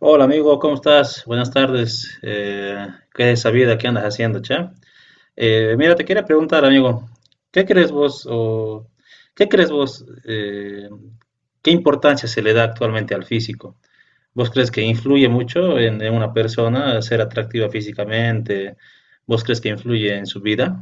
Hola amigo, ¿cómo estás? Buenas tardes. ¿Qué es esa vida? ¿Qué andas haciendo, che? Mira, te quería preguntar, amigo, ¿qué crees vos o ¿qué crees vos? ¿Qué importancia se le da actualmente al físico? ¿Vos crees que influye mucho en una persona ser atractiva físicamente? ¿Vos crees que influye en su vida?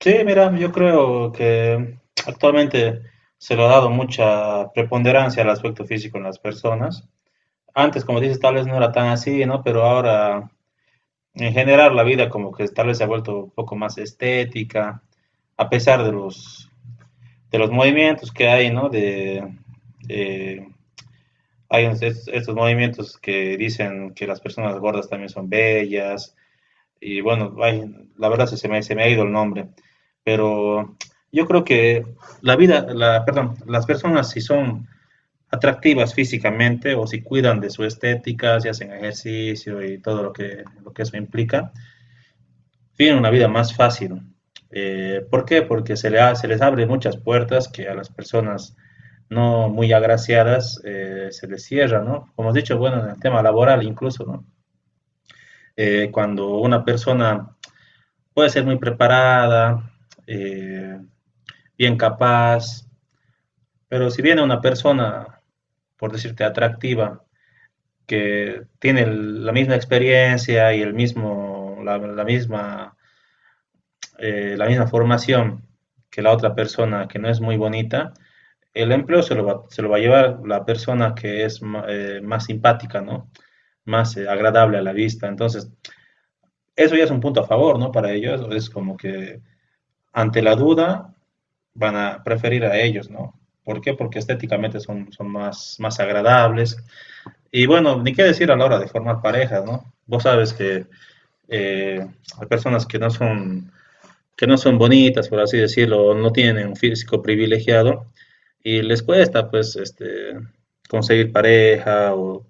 Sí, mira, yo creo que actualmente se le ha dado mucha preponderancia al aspecto físico en las personas. Antes, como dices, tal vez no era tan así, ¿no? Pero ahora, en general, la vida como que tal vez se ha vuelto un poco más estética, a pesar de los movimientos que hay, ¿no? De- estos movimientos que dicen que las personas gordas también son bellas, y bueno, ay, la verdad se me ha ido el nombre, pero yo creo que perdón, las personas si son atractivas físicamente o si cuidan de su estética, si hacen ejercicio y todo lo que eso implica, tienen una vida más fácil. ¿Por qué? Porque se les abre muchas puertas que a las personas no muy agraciadas se les cierran, ¿no? Como has dicho, bueno, en el tema laboral incluso, ¿no? Cuando una persona puede ser muy preparada, eh, bien capaz, pero si viene una persona, por decirte, atractiva, que tiene la misma experiencia y el mismo, la, la misma formación que la otra persona que no es muy bonita, el empleo se lo va a llevar la persona que es más simpática, ¿no? Más agradable a la vista. Entonces, eso ya es un punto a favor, ¿no? Para ellos es como que ante la duda van a preferir a ellos, ¿no? ¿Por qué? Porque estéticamente son más agradables. Y bueno, ni qué decir a la hora de formar parejas, ¿no? Vos sabes que eh, a personas que no son bonitas, por así decirlo, o no tienen un físico privilegiado y les cuesta pues este, conseguir pareja o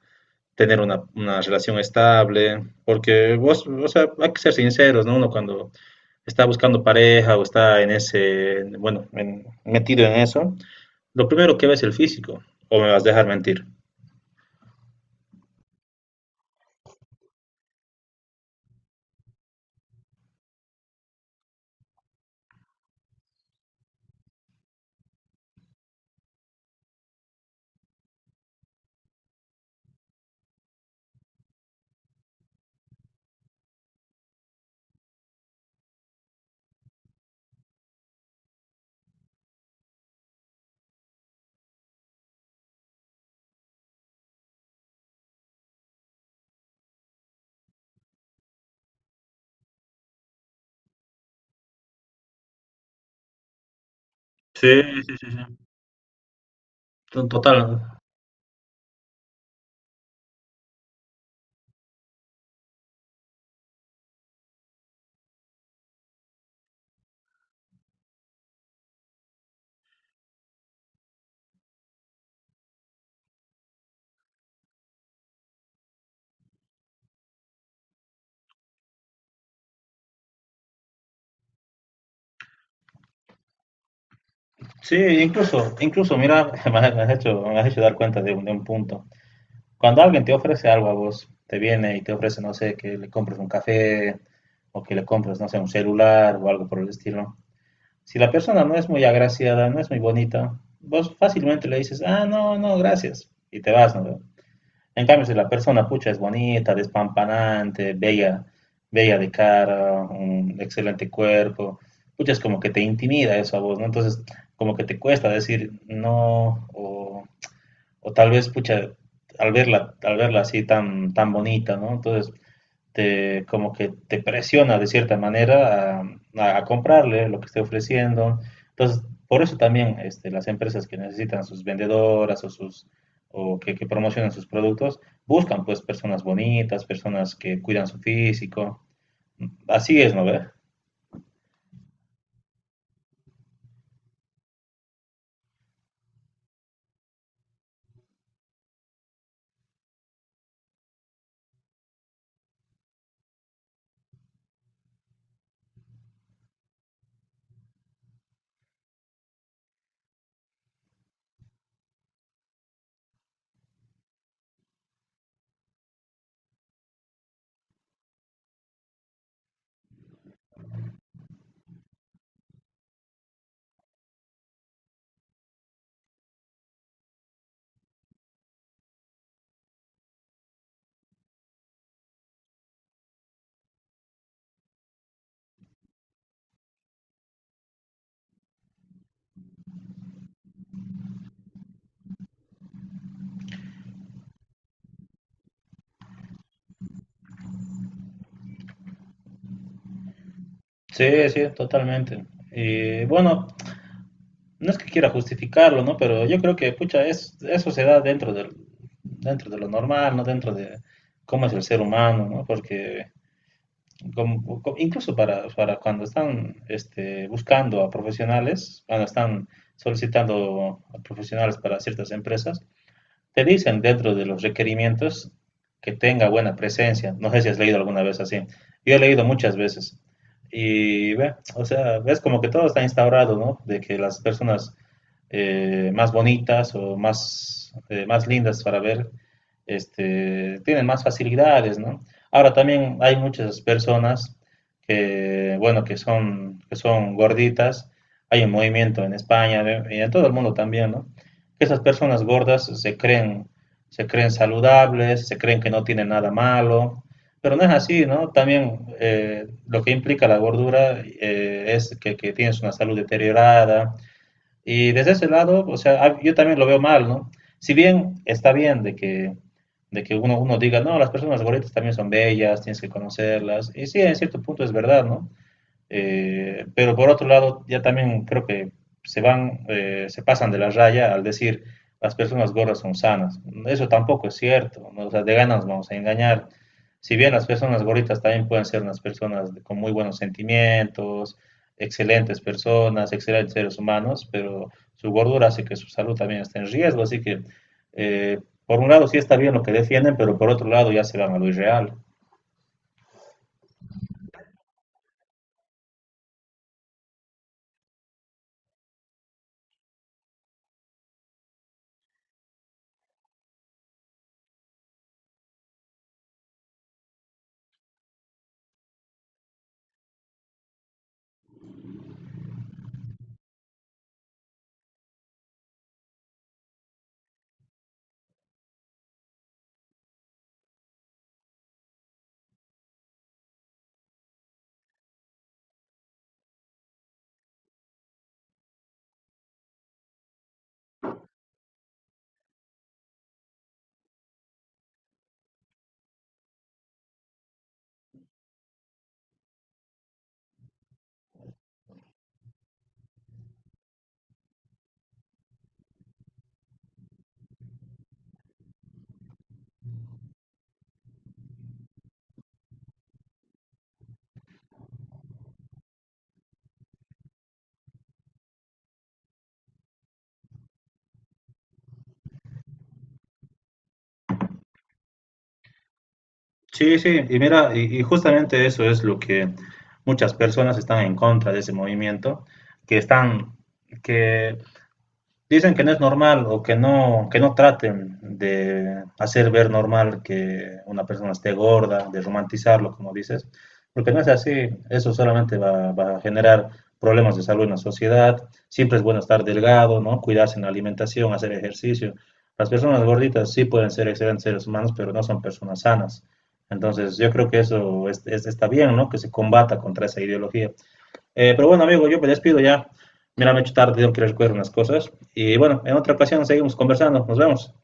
tener una relación estable, porque vos, o sea, hay que ser sinceros, ¿no? Uno cuando está buscando pareja o está en ese, bueno, metido en eso, lo primero que ve es el físico, o me vas a dejar mentir. Sí, sí, sí, sí. Total. Sí, incluso, incluso, mira, me has hecho dar cuenta de un punto. Cuando alguien te ofrece algo a vos, te viene y te ofrece, no sé, que le compres un café o que le compres, no sé, un celular o algo por el estilo. Si la persona no es muy agraciada, no es muy bonita, vos fácilmente le dices, ah, no, no, gracias, y te vas, ¿no? En cambio, si la persona, pucha, es bonita, despampanante, bella, bella de cara, un excelente cuerpo, pucha, es como que te intimida eso a vos, ¿no? Entonces, como que te cuesta decir no, o tal vez, pucha, al verla así tan bonita, ¿no? Entonces, como que te presiona de cierta manera a, a comprarle lo que esté ofreciendo. Entonces, por eso también este, las empresas que necesitan sus vendedoras o que promocionan sus productos, buscan pues personas bonitas, personas que cuidan su físico. Así es, ¿no ve? Sí, sí, totalmente. Y bueno, no es que quiera justificarlo, ¿no? Pero yo creo que, pucha, es, eso se da dentro del, dentro de lo normal, ¿no? Dentro de cómo es el ser humano, ¿no? Porque incluso para cuando están este, buscando a profesionales, cuando están solicitando a profesionales para ciertas empresas, te dicen dentro de los requerimientos que tenga buena presencia. No sé si has leído alguna vez así. Yo he leído muchas veces. Y, ve, o sea, ves como que todo está instaurado, ¿no? De que las personas más bonitas o más, más lindas para ver, este, tienen más facilidades, ¿no? Ahora también hay muchas personas que, bueno, que son gorditas, hay un movimiento en España ¿ve? Y en todo el mundo también, ¿no? Que esas personas gordas se creen saludables, se creen que no tienen nada malo, pero no es así, ¿no? También lo que implica la gordura es tienes una salud deteriorada, y desde ese lado, o sea, ah, yo también lo veo mal, ¿no? Si bien está bien de que uno diga, no, las personas gorditas también son bellas, tienes que conocerlas, y sí, en cierto punto es verdad, ¿no? Pero por otro lado, ya también creo que se van, se pasan de la raya al decir las personas gordas son sanas. Eso tampoco es cierto, ¿no? O sea, de ganas vamos a engañar. Si bien las personas gorditas también pueden ser unas personas con muy buenos sentimientos, excelentes personas, excelentes seres humanos, pero su gordura hace que su salud también esté en riesgo. Así que, eh, por un lado, sí está bien lo que defienden, pero por otro lado, ya se van a lo irreal. Sí, sí, y mira, y justamente eso es lo que muchas personas están en contra de ese movimiento, que están, que dicen que no es normal o que no traten de hacer ver normal que una persona esté gorda, de romantizarlo, como dices, porque no es así. Eso solamente va a generar problemas de salud en la sociedad. Siempre es bueno estar delgado, ¿no? Cuidarse en la alimentación, hacer ejercicio. Las personas gorditas sí pueden ser excelentes seres humanos, pero no son personas sanas. Entonces, yo creo que eso está bien, ¿no? Que se combata contra esa ideología. Pero bueno, amigo, yo me despido ya. Me la han hecho tarde, tengo que recoger unas cosas. Y bueno, en otra ocasión seguimos conversando. Nos vemos.